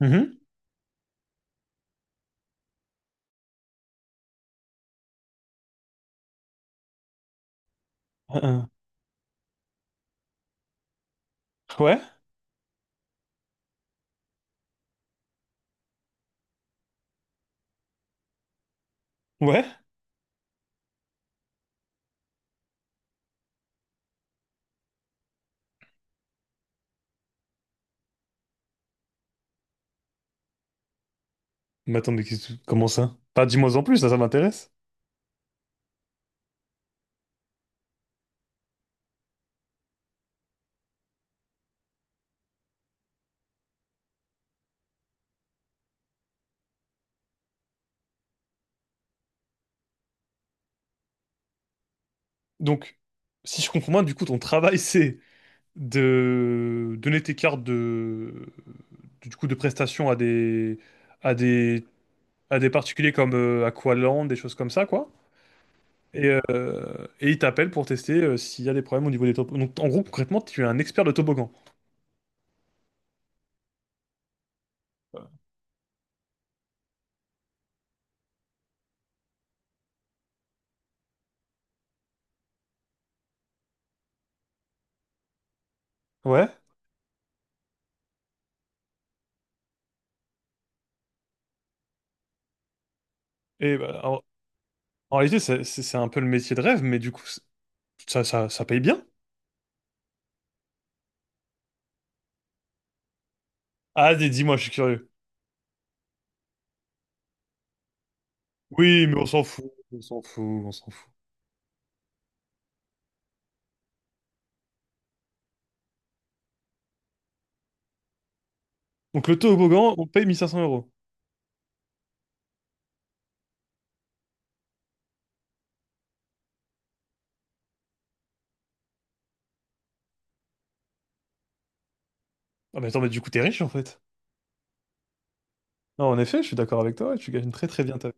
Mhm. Hein, hein. Ouais, ouais. Mais attends, comment ça? Pas Dis-moi en plus, ça m'intéresse. Donc, si je comprends bien, du coup, ton travail, c'est de donner tes cartes de, du coup, de prestations à des, à des particuliers comme Aqualand, des choses comme ça, quoi. Et ils t'appellent pour tester s'il y a des problèmes au niveau des toboggans. Donc, en gros, concrètement, tu es un expert de toboggan. Ouais. Et bah, en réalité, c'est un peu le métier de rêve, mais du coup, ça paye bien. Ah, dis-moi, je suis curieux. Oui, mais on s'en fout, on s'en fout, on s'en fout. Donc le toboggan, on paye 1500 euros. Ah mais attends, mais du coup t'es riche en fait. Non, en effet, je suis d'accord avec toi, ouais, tu gagnes très très bien ta vie.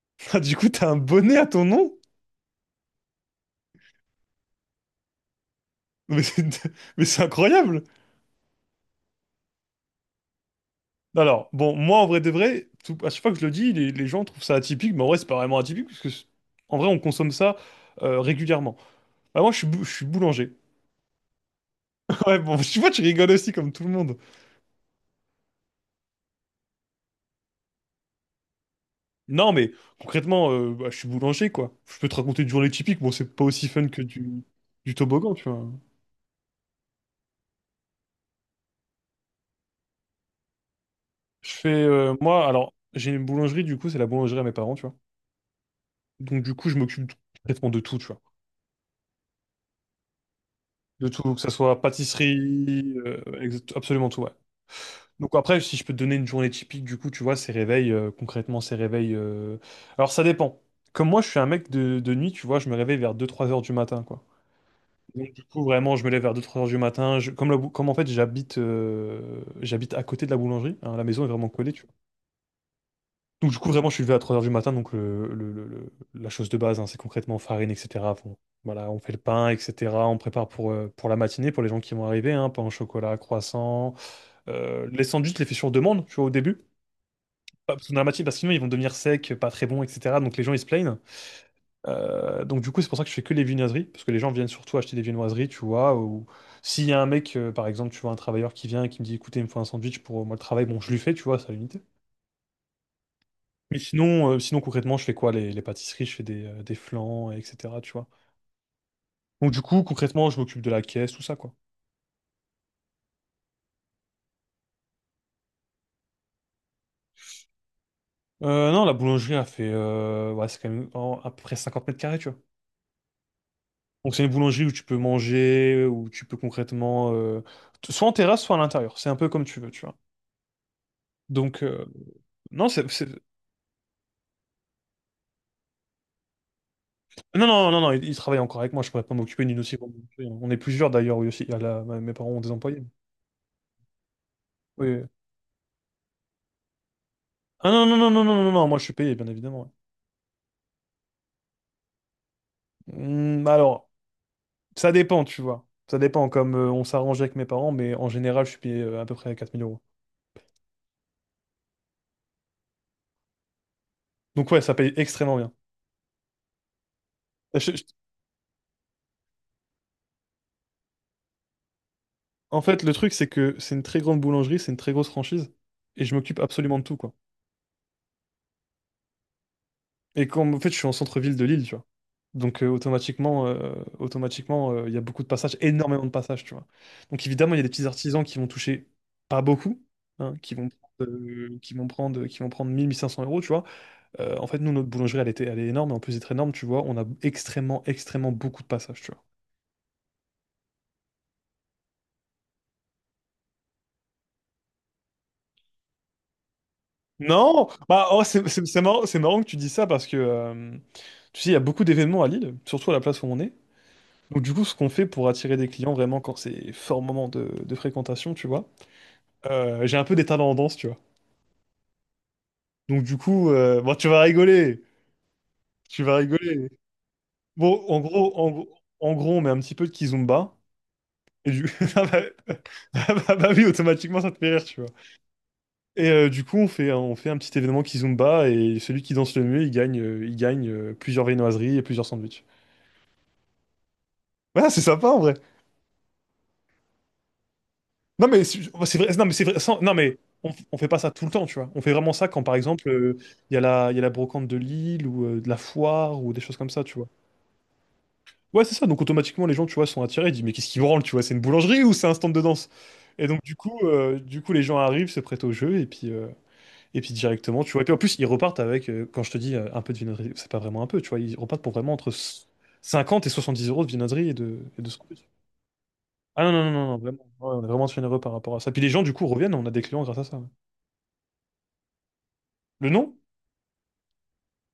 Ah, du coup t'as un bonnet à ton nom? Mais c'est mais c'est incroyable! Alors, bon, moi en vrai de vrai, à chaque fois que je le dis, les gens trouvent ça atypique, mais en vrai c'est pas vraiment atypique, parce que en vrai on consomme ça régulièrement. Ah, moi je suis boulanger. Ouais, bon, tu vois, tu rigoles aussi comme tout le monde. Non, mais concrètement, bah, je suis boulanger, quoi. Je peux te raconter une journée typique. Bon, c'est pas aussi fun que du toboggan, tu vois. Moi, alors, j'ai une boulangerie, du coup, c'est la boulangerie à mes parents, tu vois. Donc, du coup, je m'occupe complètement de tout, tu vois. De tout, que ça soit pâtisserie, absolument tout, ouais. Donc, après, si je peux te donner une journée typique, du coup, tu vois, ces réveils, concrètement, ces réveils. Alors, ça dépend. Comme moi, je suis un mec de nuit, tu vois, je me réveille vers deux-trois heures du matin, quoi. Donc, du coup, vraiment, je me lève vers deux trois heures du matin. Comme en fait, j'habite à côté de la boulangerie. Hein, la maison est vraiment collée, tu vois. Donc, du coup, vraiment, je suis levé à 3 heures du matin. Donc, la chose de base, hein, c'est concrètement farine, etc. Bon, voilà, on fait le pain, etc. On prépare pour la matinée, pour les gens qui vont arriver. Hein, pain au chocolat, croissant. Les sandwichs, je les fais sur demande, tu vois, au début. Parce que dans la matinée, parce que sinon, ils vont devenir secs, pas très bons, etc. Donc, les gens, ils se plaignent. Donc du coup, c'est pour ça que je fais que les viennoiseries, parce que les gens viennent surtout acheter des viennoiseries, tu vois, ou s'il y a un mec, par exemple, tu vois, un travailleur qui vient et qui me dit, écoutez, il me faut un sandwich pour moi le travail, bon, je lui fais, tu vois, ça l'unité. Mais sinon concrètement, je fais quoi? Les pâtisseries, je fais des flans, etc., tu vois. Donc du coup, concrètement, je m'occupe de la caisse, tout ça, quoi. Non, la boulangerie a fait, ouais, c'est quand même à peu près 50 m², tu vois. Donc c'est une boulangerie où tu peux manger, où tu peux concrètement, soit en terrasse, soit à l'intérieur. C'est un peu comme tu veux, tu vois. Donc, non, c'est... Non, non, non, non, il travaille encore avec moi, je pourrais pas m'occuper ni aussi. Hein. On est plusieurs d'ailleurs, oui aussi. Il y a mes parents ont des employés. Oui. Oui. Ah non, non, non, non, non, non, non, moi je suis payé, bien évidemment. Ouais. Hmm, alors, ça dépend, tu vois. Ça dépend, comme on s'arrange avec mes parents, mais en général, je suis payé à peu près 4 000 euros. Donc ouais, ça paye extrêmement bien. Je- je- En fait, le truc, c'est que c'est une très grande boulangerie, c'est une très grosse franchise, et je m'occupe absolument de tout, quoi. Et comme, en fait, je suis en centre-ville de Lille, tu vois. Donc, automatiquement, il y a beaucoup de passages, énormément de passages, tu vois. Donc, évidemment, il y a des petits artisans qui vont toucher pas beaucoup, hein, qui vont prendre 1 500 euros, tu vois. En fait, nous, notre boulangerie, elle est énorme, et en plus d'être énorme, tu vois, on a extrêmement, extrêmement beaucoup de passages, tu vois. Non! Bah, oh, c'est marrant, c'est marrant que tu dis ça parce que, tu sais, il y a beaucoup d'événements à Lille, surtout à la place où on est. Donc du coup, ce qu'on fait pour attirer des clients vraiment quand c'est fort moment de fréquentation, tu vois, j'ai un peu des talents en danse, tu vois. Donc du coup, bon, tu vas rigoler, tu vas rigoler. Bon, en gros, on met un petit peu de kizomba. Et du... Ah bah, Bah oui, automatiquement, ça te fait rire, tu vois. Et du coup, on fait un petit événement kizomba et celui qui danse le mieux, il gagne plusieurs viennoiseries et plusieurs sandwichs. Ouais, c'est sympa en vrai. Non mais c'est vrai, non mais c'est vrai, non mais on fait pas ça tout le temps, tu vois. On fait vraiment ça quand par exemple il y a la brocante de Lille ou de la foire ou des choses comme ça, tu vois. Ouais, c'est ça. Donc automatiquement les gens, tu vois, sont attirés. Ils disent mais qu'est-ce qui branle, tu vois, c'est une boulangerie ou c'est un stand de danse? Et donc du coup les gens arrivent, se prêtent au jeu et puis directement, tu vois. Et puis en plus ils repartent avec, quand je te dis un peu de viennoiserie, c'est pas vraiment un peu, tu vois. Ils repartent pour vraiment entre 50 et 70 euros de viennoiserie et de sandwich. Ah non, non, non, non, non, vraiment. Ouais, on est vraiment généreux par rapport à ça. Puis les gens, du coup, reviennent, on a des clients grâce à ça. Le nom?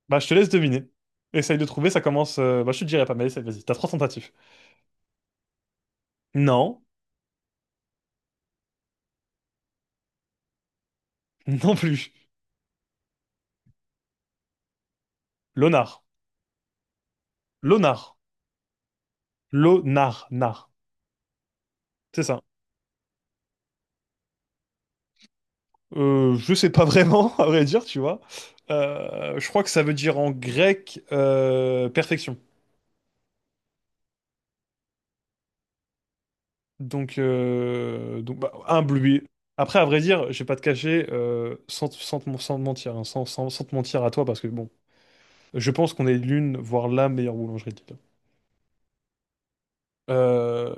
Bah, je te laisse deviner. Essaye de trouver, ça commence. Bah, je te dirai pas, mais essaye, vas-y, t'as trois tentatives. Non, non plus. Lonar. Lonar. Lonar. Nar. C'est ça. Je sais pas vraiment, à vrai dire, tu vois. Je crois que ça veut dire en grec perfection. Donc bah, un bleu. Après, à vrai dire, je vais pas te cacher, sans te mentir, hein, sans te mentir à toi, parce que bon, je pense qu'on est l'une, voire la meilleure boulangerie de Lille.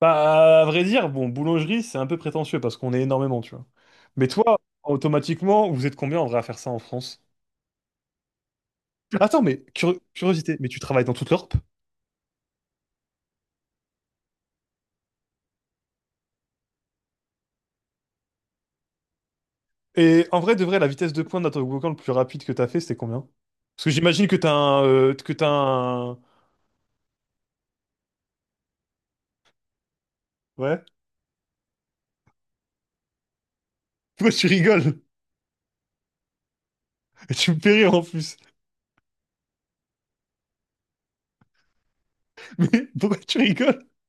Bah, à vrai dire, bon, boulangerie, c'est un peu prétentieux parce qu'on est énormément, tu vois. Mais toi, automatiquement, vous êtes combien en vrai à faire ça en France? Attends, mais curiosité, mais tu travailles dans toute l'Europe? Et en vrai, de vrai, la vitesse de pointe d'un toboggan le plus rapide que t'as fait, c'était combien? Parce que j'imagine que t'as un... Ouais? Pourquoi tu rigoles? Tu me fais rire en plus. Mais pourquoi tu rigoles?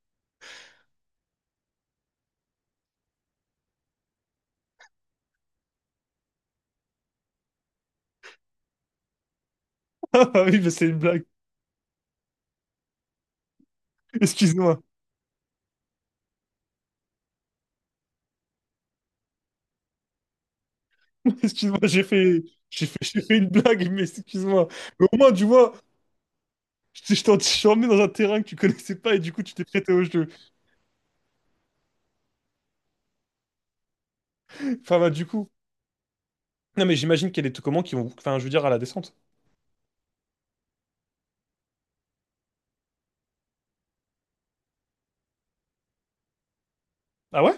Ah bah oui, mais c'est une blague. Excuse-moi. Excuse-moi, j'ai fait... J'ai fait... j'ai fait une blague, mais excuse-moi. Mais au moins, tu vois... Je t'en mis dans un terrain que tu connaissais pas et du coup tu t'es prêté au jeu. Enfin bah du coup. Non mais j'imagine qu'il y a des tocommans qui vont. Enfin je veux dire à la descente. Ah ouais?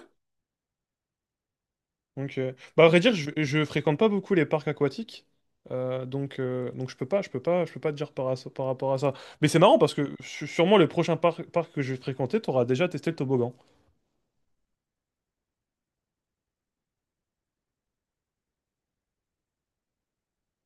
Donc bah à vrai dire je fréquente pas beaucoup les parcs aquatiques. Donc je peux pas je peux pas je peux pas te dire par rapport à ça. Mais c'est marrant parce que sûrement le prochain parc que je vais fréquenter t'auras déjà testé le toboggan.